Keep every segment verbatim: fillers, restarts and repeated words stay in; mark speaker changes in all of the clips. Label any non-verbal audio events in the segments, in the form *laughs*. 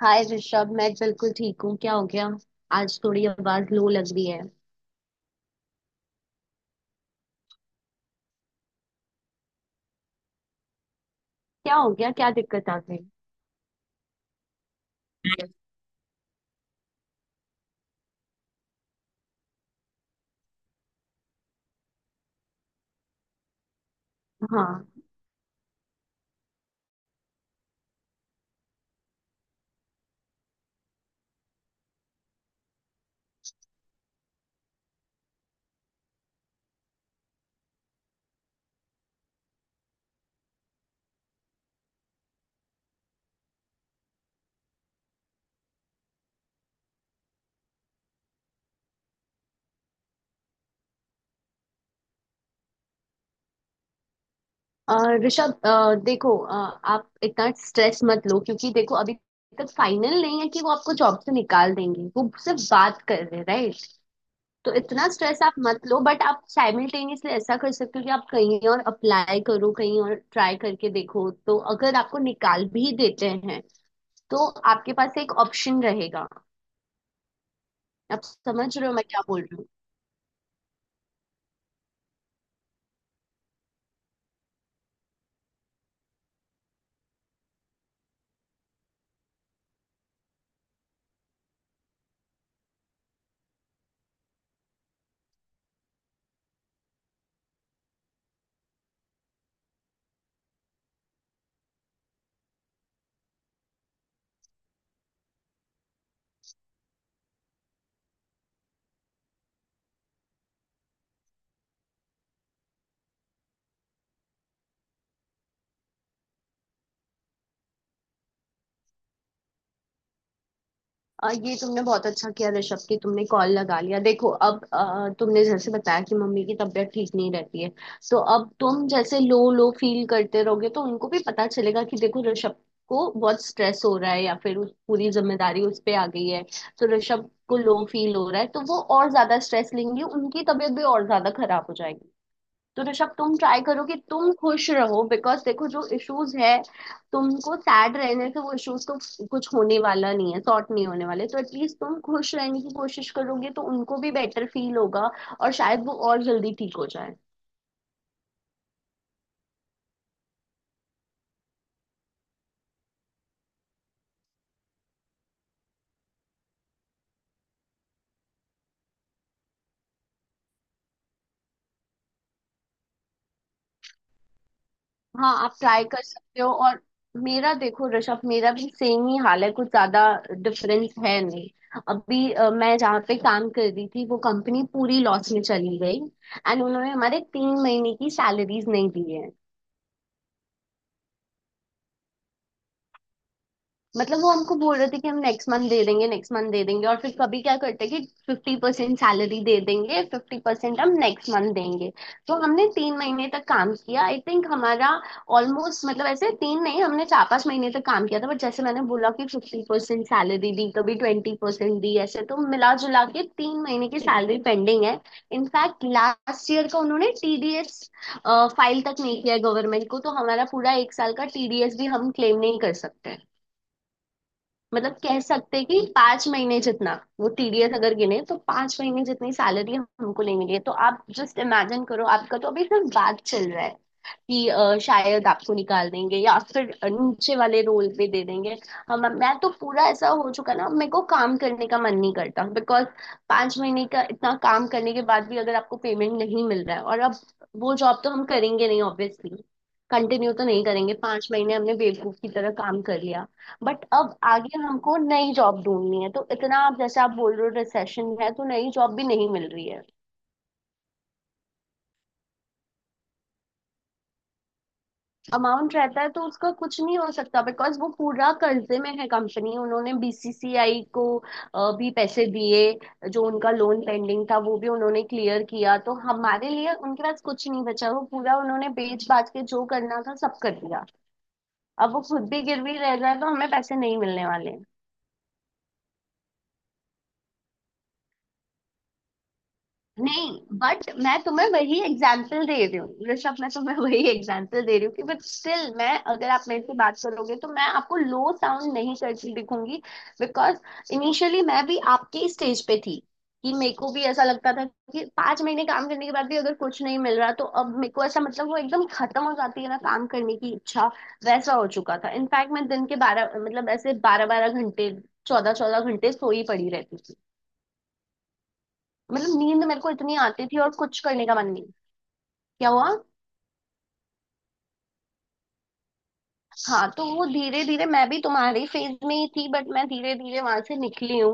Speaker 1: हाय ऋषभ, मैं बिल्कुल ठीक हूँ। क्या हो गया? आज थोड़ी आवाज लो लग रही है। क्या हो गया? क्या दिक्कत आ गई? हाँ। अ, ऋषभ, अ, देखो, अ, आप इतना स्ट्रेस मत लो, क्योंकि देखो अभी तक फाइनल नहीं है कि वो आपको जॉब से निकाल देंगे। वो सिर्फ बात कर रहे हैं, राइट? तो इतना स्ट्रेस आप मत लो, बट आप साइमल्टेनियसली ऐसा कर सकते हो कि आप कहीं और अप्लाई करो, कहीं और ट्राई करके देखो। तो अगर आपको निकाल भी देते हैं तो आपके पास एक ऑप्शन रहेगा। आप समझ रहे हो मैं क्या बोल रही हूँ? आ, ये तुमने बहुत अच्छा किया ऋषभ कि तुमने कॉल लगा लिया। देखो अब आ, तुमने जैसे बताया कि मम्मी की तबीयत ठीक नहीं रहती है, तो अब तुम जैसे लो लो फील करते रहोगे तो उनको भी पता चलेगा कि देखो ऋषभ को बहुत स्ट्रेस हो रहा है या फिर उस पूरी जिम्मेदारी उस पे आ गई है। तो ऋषभ को लो फील हो रहा है तो वो और ज्यादा स्ट्रेस लेंगे, उनकी तबीयत भी और ज्यादा खराब हो जाएगी। तो ऋषभ, तुम ट्राई करो कि तुम खुश रहो, बिकॉज देखो जो इश्यूज है, तुमको सैड रहने से वो इश्यूज तो कुछ होने वाला नहीं है, सॉर्ट नहीं होने वाले। तो एटलीस्ट तुम खुश रहने की कोशिश करोगे तो उनको भी बेटर फील होगा और शायद वो और जल्दी ठीक हो जाए। हाँ, आप ट्राई कर सकते हो। और मेरा, देखो ऋषभ, मेरा भी सेम ही हाल है, कुछ ज्यादा डिफरेंस है नहीं। अभी अ, मैं जहाँ पे काम कर रही थी, वो कंपनी पूरी लॉस में चली गई एंड उन्होंने हमारे तीन महीने की सैलरीज नहीं दी है। मतलब वो हमको बोल रहे थे कि हम नेक्स्ट मंथ दे देंगे, नेक्स्ट मंथ दे देंगे, और फिर कभी क्या करते कि फिफ्टी परसेंट सैलरी दे देंगे, फिफ्टी परसेंट हम नेक्स्ट मंथ देंगे। तो हमने तीन महीने तक काम किया, आई थिंक हमारा ऑलमोस्ट, मतलब ऐसे तीन नहीं, हमने चार पांच महीने तक काम किया था। बट जैसे मैंने बोला कि फिफ्टी परसेंट सैलरी दी, कभी ट्वेंटी परसेंट दी, ऐसे तो मिला जुला के तीन महीने की सैलरी पेंडिंग है। इनफैक्ट लास्ट ईयर का उन्होंने टी डी एस फाइल तक नहीं किया गवर्नमेंट को, तो हमारा पूरा एक साल का टी डी एस भी हम क्लेम नहीं कर सकते। मतलब कह सकते हैं कि पांच महीने जितना वो टी डी एस अगर गिने तो पांच महीने जितनी सैलरी हमको नहीं मिली है। तो आप जस्ट इमेजिन करो, आपका तो अभी सिर्फ बात चल रहा है कि अ, शायद आपको निकाल देंगे या फिर नीचे वाले रोल पे दे देंगे। हम मैं तो पूरा ऐसा हो चुका ना, मेरे को काम करने का मन नहीं करता, बिकॉज पांच महीने का इतना काम करने के बाद भी अगर आपको पेमेंट नहीं मिल रहा है, और अब वो जॉब तो हम करेंगे नहीं ऑब्वियसली, कंटिन्यू तो नहीं करेंगे। पांच महीने हमने बेवकूफ की तरह काम कर। बट अब आगे हमको नई जॉब ढूंढनी है, तो इतना आप जैसे आप बोल रहे हो रिसेशन है, तो नई जॉब भी नहीं मिल रही है। अमाउंट रहता है तो उसका कुछ नहीं हो सकता, बिकॉज वो पूरा कर्जे में है कंपनी। उन्होंने बी सी सी आई को अ, भी पैसे दिए, जो उनका लोन पेंडिंग था वो भी उन्होंने क्लियर किया, तो हमारे लिए उनके पास कुछ नहीं बचा। वो पूरा उन्होंने बेच बाच के जो करना था सब कर दिया। अब वो खुद भी गिरवी रह जाए तो हमें पैसे नहीं मिलने वाले। नहीं, बट मैं तुम्हें वही एग्जाम्पल दे रही हूँ ऋषभ, मैं तुम्हें वही एग्जाम्पल दे रही हूँ कि बट स्टिल मैं, अगर आप मेरे से बात करोगे तो मैं आपको लो साउंड नहीं करती दिखूंगी। बिकॉज इनिशियली मैं भी आपके स्टेज पे थी कि मेरे को भी ऐसा लगता था कि पांच महीने काम करने के बाद भी अगर कुछ नहीं मिल रहा, तो अब मेरे को ऐसा मतलब वो एकदम खत्म हो जाती है ना काम करने की इच्छा। वैसा हो चुका था, इनफैक्ट मैं दिन के बारह, मतलब ऐसे बारह बारह घंटे, चौदह चौदह घंटे सोई पड़ी रहती थी। मतलब नींद मेरे को इतनी आती थी और कुछ करने का मन नहीं। क्या हुआ? हाँ, तो वो धीरे धीरे मैं भी तुम्हारे फेज में ही थी, बट मैं धीरे धीरे वहां से निकली हूँ।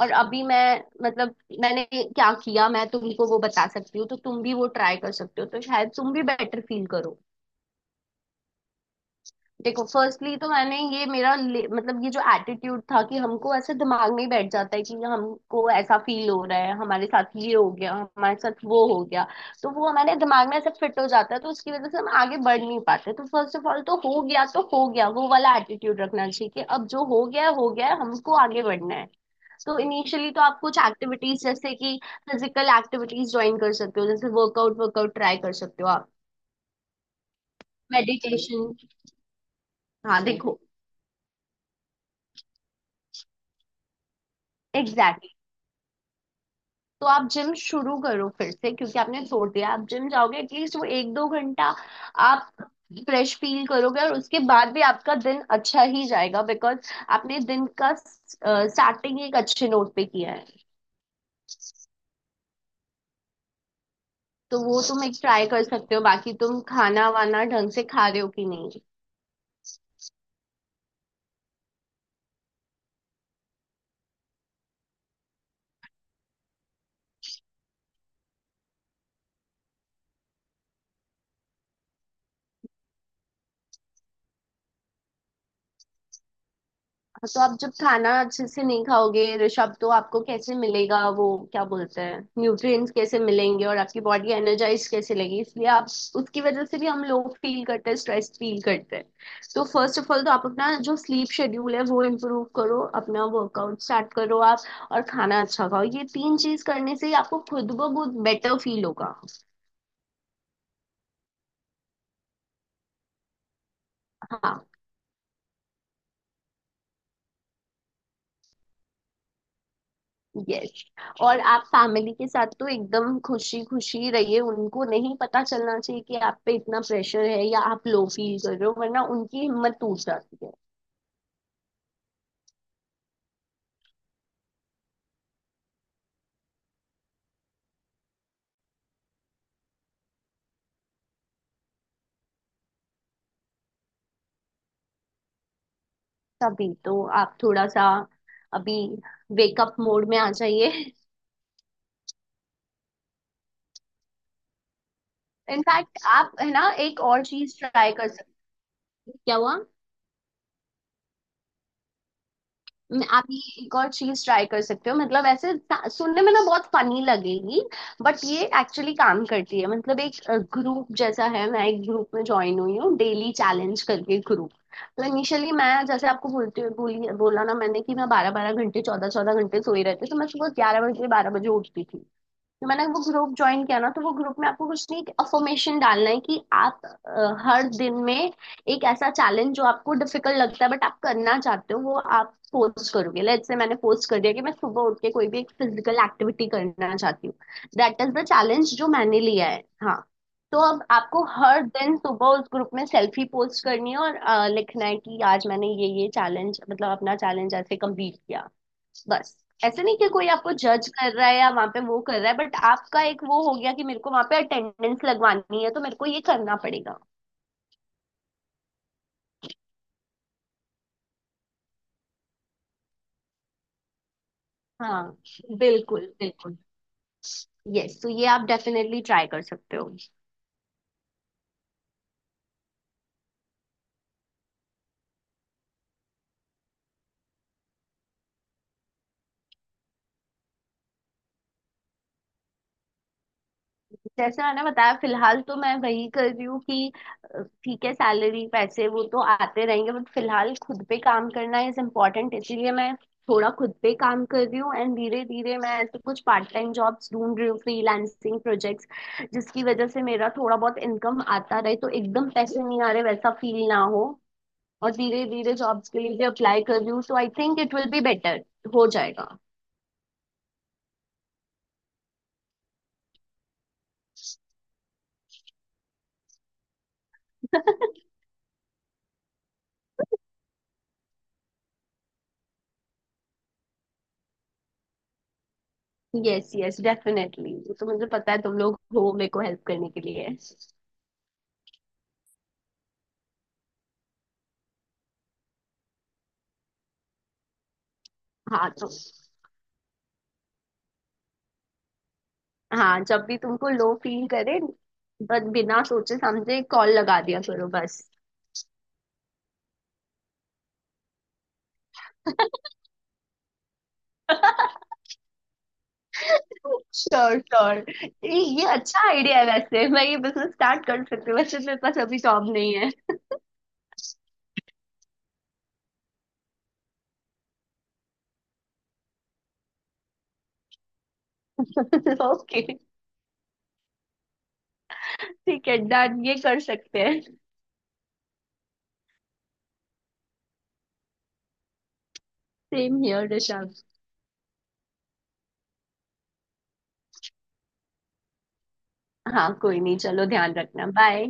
Speaker 1: और अभी मैं, मतलब मैंने क्या किया, मैं तुमको वो बता सकती हूँ, तो तुम भी वो ट्राई कर सकते हो तो शायद तुम भी बेटर फील करो। देखो फर्स्टली तो मैंने ये मेरा ले- मतलब ये जो एटीट्यूड था कि हमको ऐसे दिमाग में ही बैठ जाता है कि हमको ऐसा फील हो रहा है, हमारे साथ ये हो गया, हमारे साथ वो हो गया, तो वो हमारे दिमाग में ऐसे फिट हो जाता है, तो उसकी वजह से हम आगे बढ़ नहीं पाते। तो फर्स्ट ऑफ ऑल तो हो गया तो हो गया, वो वाला एटीट्यूड रखना चाहिए कि अब जो हो गया है हो गया है, हमको आगे बढ़ना है। तो इनिशियली तो आप कुछ एक्टिविटीज, जैसे कि फिजिकल एक्टिविटीज ज्वाइन कर सकते हो, जैसे वर्कआउट वर्कआउट ट्राई कर सकते हो आप। मेडिटेशन। हाँ देखो exactly। तो आप जिम शुरू करो फिर से, क्योंकि आपने छोड़ दिया। आप जिम जाओगे एटलीस्ट वो एक दो घंटा आप फ्रेश फील करोगे, और उसके बाद भी आपका दिन अच्छा ही जाएगा, बिकॉज आपने दिन का स्टार्टिंग एक अच्छे नोट पे किया है। तो वो तुम एक ट्राई कर सकते हो। बाकी तुम खाना वाना ढंग से खा रहे हो कि नहीं? तो आप जब खाना अच्छे से नहीं खाओगे ऋषभ, तो आपको कैसे मिलेगा वो क्या बोलते हैं न्यूट्रिएंट्स, कैसे मिलेंगे और आपकी बॉडी एनर्जाइज कैसे लगेगी? इसलिए आप, उसकी वजह से भी हम लोग फील करते हैं, स्ट्रेस फील करते हैं। तो फर्स्ट ऑफ ऑल तो आप अपना जो स्लीप शेड्यूल है वो इम्प्रूव करो, अपना वर्कआउट स्टार्ट करो आप, और खाना अच्छा खाओ। ये तीन चीज करने से ही आपको खुद ब खुद बेटर फील होगा। हाँ। यस। और आप फैमिली के साथ तो एकदम खुशी खुशी रहिए, उनको नहीं पता चलना चाहिए कि आप पे इतना प्रेशर है या आप लो फील कर रहे हो, वरना उनकी हिम्मत टूट जाती है। तभी तो आप थोड़ा सा अभी वेकअप मोड में आ जाइए। इनफैक्ट आप है ना, एक और चीज ट्राई कर सकते हो। क्या हुआ? न- आप ये एक और चीज ट्राई कर सकते हो, मतलब ऐसे ता- सुनने में ना बहुत फनी लगेगी, बट ये एक्चुअली काम करती है। मतलब एक ग्रुप जैसा है, मैं एक ग्रुप में ज्वाइन हुई हूँ डेली चैलेंज करके ग्रुप। मतलब इनिशियली मैं जैसे आपको बोलती बोली बोला ना मैंने कि मैं बारह बारह घंटे चौदह चौदह घंटे सोई रहती, तो मैं सुबह ग्यारह बजे बारह बजे उठती थी। तो मैंने वो ग्रुप ज्वाइन किया ना, तो वो ग्रुप में आपको कुछ नहीं, एक अफर्मेशन डालना है कि आप अ, हर दिन में एक ऐसा चैलेंज जो आपको डिफिकल्ट लगता है बट आप करना चाहते हो, वो आप पोस्ट करोगे। लेट्स से मैंने पोस्ट कर दिया कि मैं सुबह उठ के कोई भी एक फिजिकल एक्टिविटी करना चाहती हूँ। दैट इज द चैलेंज जो मैंने लिया है। हाँ। तो अब आपको हर दिन सुबह उस ग्रुप में सेल्फी पोस्ट करनी है और अ, लिखना है कि आज मैंने ये ये चैलेंज, मतलब अपना चैलेंज ऐसे कंप्लीट किया। बस। ऐसे नहीं कि कोई आपको जज कर रहा है या वहां पे वो कर रहा है, बट आपका एक वो हो गया कि मेरे को वहां पे अटेंडेंस लगवानी है तो मेरे को ये करना पड़ेगा। हाँ। बिल्कुल बिल्कुल। यस, तो ये आप डेफिनेटली ट्राई कर सकते हो। जैसे मैंने बताया फिलहाल तो मैं वही कर रही हूँ कि अ, ठीक है, सैलरी पैसे वो तो आते रहेंगे, बट फिलहाल खुद पे काम करना इज इम्पोर्टेंट, इसीलिए मैं थोड़ा खुद पे काम कर रही हूँ, एंड धीरे धीरे मैं ऐसे कुछ पार्ट टाइम जॉब्स ढूंढ रही हूँ, फ्रीलांसिंग प्रोजेक्ट्स, जिसकी वजह से मेरा थोड़ा बहुत इनकम आता रहे तो एकदम पैसे नहीं आ रहे वैसा फील ना हो। और धीरे धीरे जॉब्स के लिए भी अप्लाई कर रही हूँ, तो I think it will be better हो जाएगा। यस यस, डेफिनेटली वो तो मुझे पता है तुम लोग हो मेरे को हेल्प करने के लिए। हाँ तो, हाँ जब भी तुमको लो फील करे बस बिना सोचे समझे कॉल लगा दिया करो, बस। *laughs* Sure sure. ये ये अच्छा आइडिया है, वैसे मैं ये बिजनेस स्टार्ट कर सकती हूँ, वैसे मेरे पास अभी जॉब नहीं है। *laughs* ओके। ठीक है, डन, ये कर सकते हैं। Same here Rishabh. हाँ कोई नहीं, चलो, ध्यान रखना, बाय।